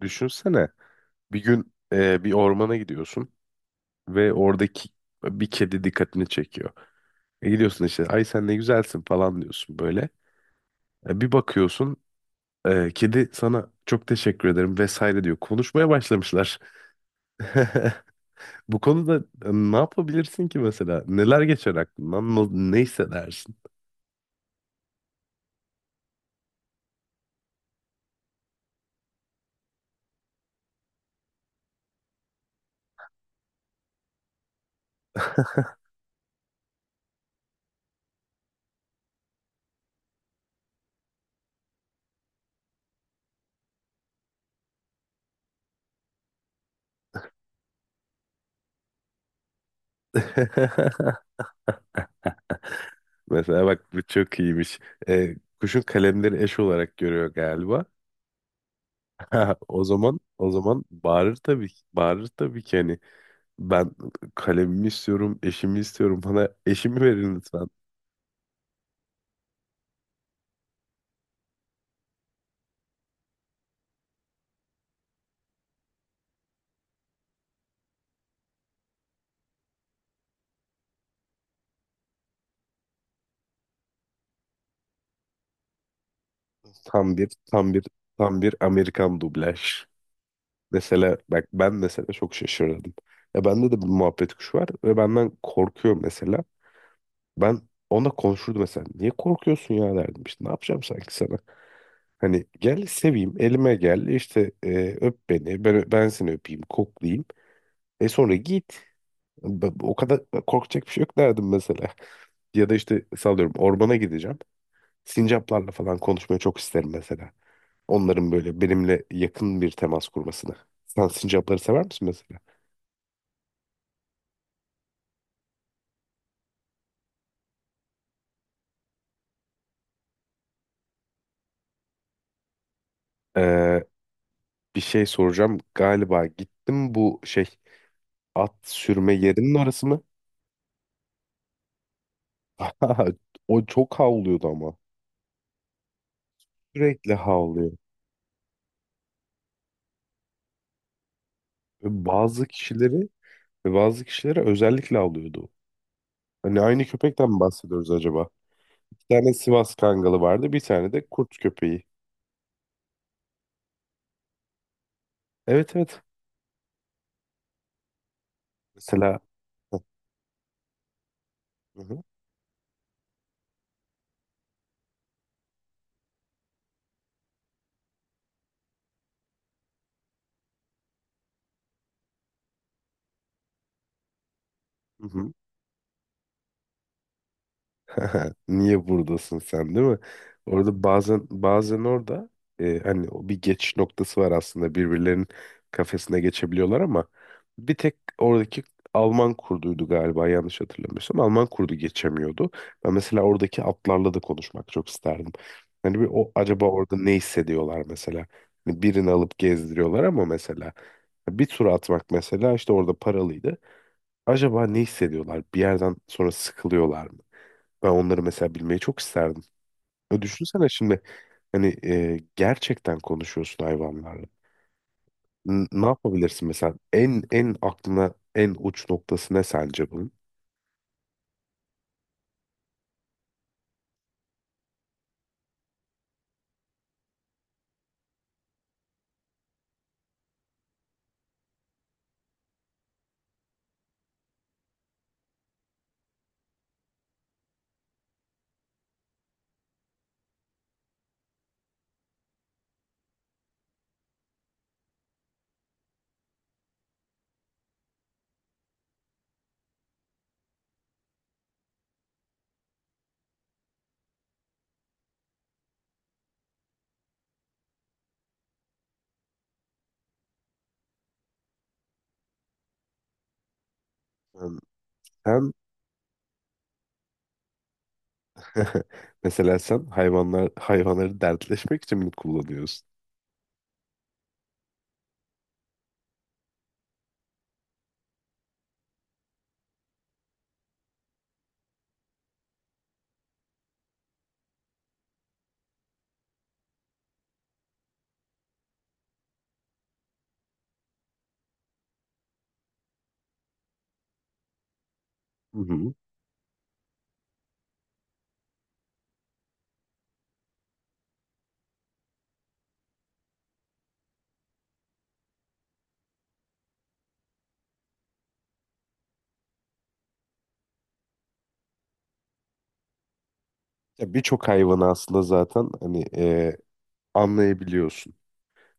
Düşünsene bir gün bir ormana gidiyorsun ve oradaki bir kedi dikkatini çekiyor. Gidiyorsun işte ay sen ne güzelsin falan diyorsun böyle. Bir bakıyorsun kedi sana çok teşekkür ederim vesaire diyor. Konuşmaya başlamışlar. Bu konuda ne yapabilirsin ki mesela? Neler geçer aklından? Ne hissedersin? Mesela bak bu çok iyiymiş. E, Kuşun kalemleri eş olarak görüyor galiba. Ha, o zaman o zaman bağırır tabii ki. Bağırır tabii ki hani ben kalemimi istiyorum, eşimi istiyorum. Bana eşimi verin lütfen. Tam bir tam bir Amerikan dublaj. Mesela bak ben mesela çok şaşırdım. Ya bende de bir muhabbet kuşu var ve benden korkuyor mesela. Ben ona konuşurdum mesela. Niye korkuyorsun ya derdim işte. Ne yapacağım sanki sana? Hani gel seveyim, elime gel, işte öp beni, ben seni öpeyim, koklayayım. E sonra git. O kadar korkacak bir şey yok derdim mesela. Ya da işte sallıyorum ormana gideceğim. Sincaplarla falan konuşmayı çok isterim mesela. Onların böyle benimle yakın bir temas kurmasını. Sen sincapları sever misin mesela? Ee, bir şey soracağım. Galiba gittim bu şey at sürme yerinin orası mı? O çok havlıyordu ama. Sürekli havlıyor. Ve bazı kişileri ve bazı kişilere özellikle havlıyordu. Hani aynı köpekten mi bahsediyoruz acaba? Bir tane Sivas Kangalı vardı. Bir tane de kurt köpeği. Evet, evet. Mesela hı hı. Hı hı. Niye buradasın sen değil mi? Orada bazen orada hani o bir geçiş noktası var aslında birbirlerinin kafesine geçebiliyorlar ama bir tek oradaki Alman kurduydu galiba yanlış hatırlamıyorsam Alman kurdu geçemiyordu. Ben mesela oradaki atlarla da konuşmak çok isterdim. Hani bir o acaba orada ne hissediyorlar mesela? Hani birini alıp gezdiriyorlar ama mesela bir tur atmak mesela işte orada paralıydı. Acaba ne hissediyorlar? Bir yerden sonra sıkılıyorlar mı? Ben onları mesela bilmeyi çok isterdim. Ya düşünsene şimdi hani gerçekten konuşuyorsun hayvanlarla. Ne yapabilirsin mesela? En aklına en uç noktası ne sence bunun? Yani sen mesela sen hayvanları dertleşmek için mi kullanıyorsun? Hı hı. Ya birçok hayvanı aslında zaten hani anlayabiliyorsun.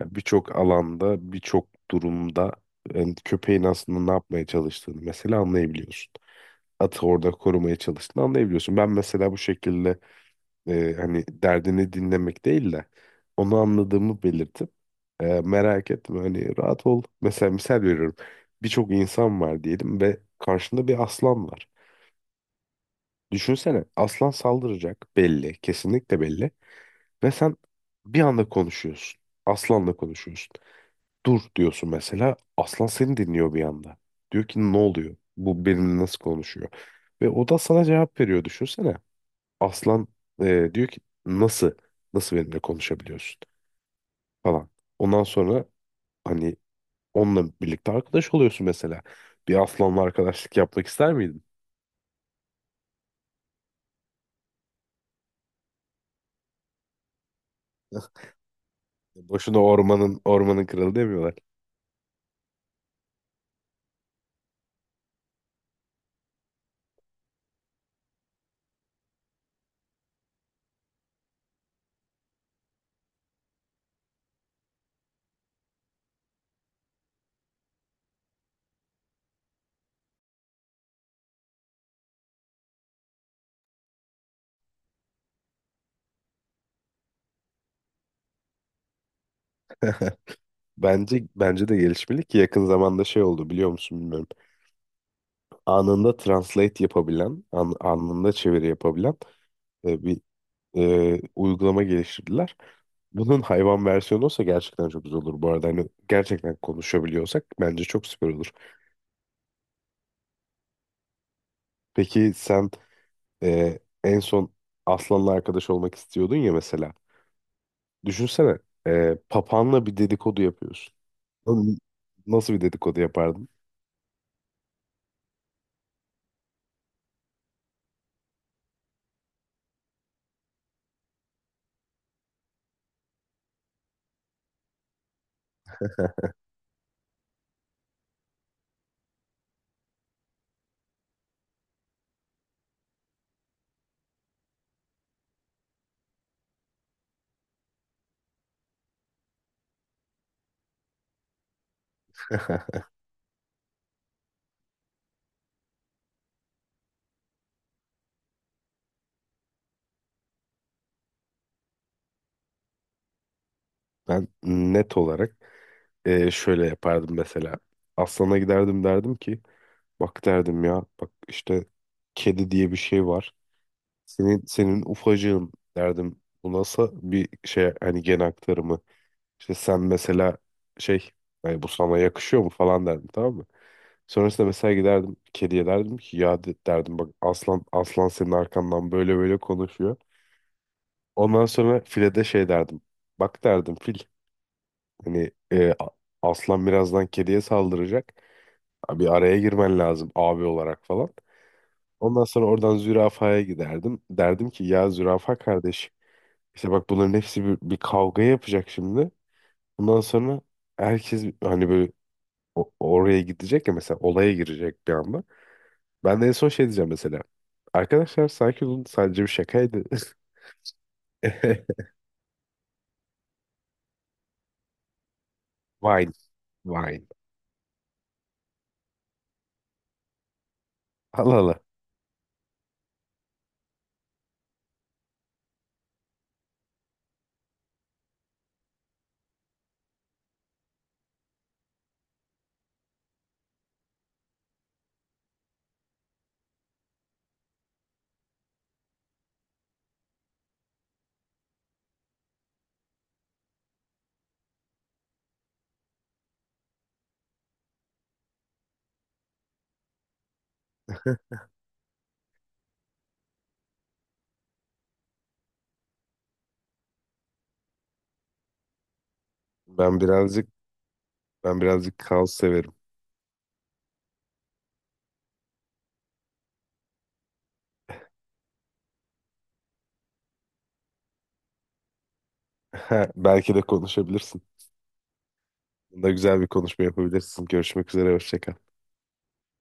Ya birçok alanda, birçok durumda yani köpeğin aslında ne yapmaya çalıştığını mesela anlayabiliyorsun. Atı orada korumaya çalıştığını anlayabiliyorsun. Ben mesela bu şekilde hani derdini dinlemek değil de onu anladığımı belirtip merak etme hani rahat ol. Mesela misal veriyorum birçok insan var diyelim ve karşında bir aslan var. Düşünsene aslan saldıracak belli kesinlikle belli ve sen bir anda konuşuyorsun. Aslanla konuşuyorsun. Dur diyorsun mesela aslan seni dinliyor bir anda. Diyor ki ne oluyor? Bu benimle nasıl konuşuyor? Ve o da sana cevap veriyor düşünsene. Aslan diyor ki nasıl nasıl benimle konuşabiliyorsun falan. Ondan sonra hani onunla birlikte arkadaş oluyorsun mesela. Bir aslanla arkadaşlık yapmak ister miydin? Boşuna ormanın kralı demiyorlar. Bence de gelişmeli ki yakın zamanda şey oldu biliyor musun bilmiyorum. Anında translate yapabilen, anında çeviri yapabilen bir uygulama geliştirdiler. Bunun hayvan versiyonu olsa gerçekten çok güzel olur bu arada. Hani gerçekten konuşabiliyorsak bence çok süper olur. Peki sen en son Aslan'la arkadaş olmak istiyordun ya mesela. Düşünsene papağanla bir dedikodu yapıyorsun. Lan, nasıl bir dedikodu yapardın? Ben net olarak şöyle yapardım mesela. Aslan'a giderdim derdim ki bak derdim ya bak işte kedi diye bir şey var. Senin ufacığın derdim. Bu nasıl bir şey hani gen aktarımı. İşte sen mesela şey hani bu sana yakışıyor mu falan derdim tamam mı? Sonrasında mesela giderdim kediye derdim ki ya derdim bak aslan senin arkandan böyle böyle konuşuyor. Ondan sonra file de şey derdim. Bak derdim fil hani aslan birazdan kediye saldıracak. Abi araya girmen lazım abi olarak falan. Ondan sonra oradan zürafaya giderdim. Derdim ki ya zürafa kardeş işte bak bunların hepsi bir kavga yapacak şimdi. Ondan sonra herkes hani böyle oraya gidecek ya mesela olaya girecek bir anda. Ben de en son şey diyeceğim mesela. Arkadaşlar sanki bunun sadece bir şakaydı. Wine, wine. Allah Allah. Ben birazcık ben birazcık kaos severim. Belki de konuşabilirsin. Bunda güzel bir konuşma yapabilirsin. Görüşmek üzere, hoşça kal.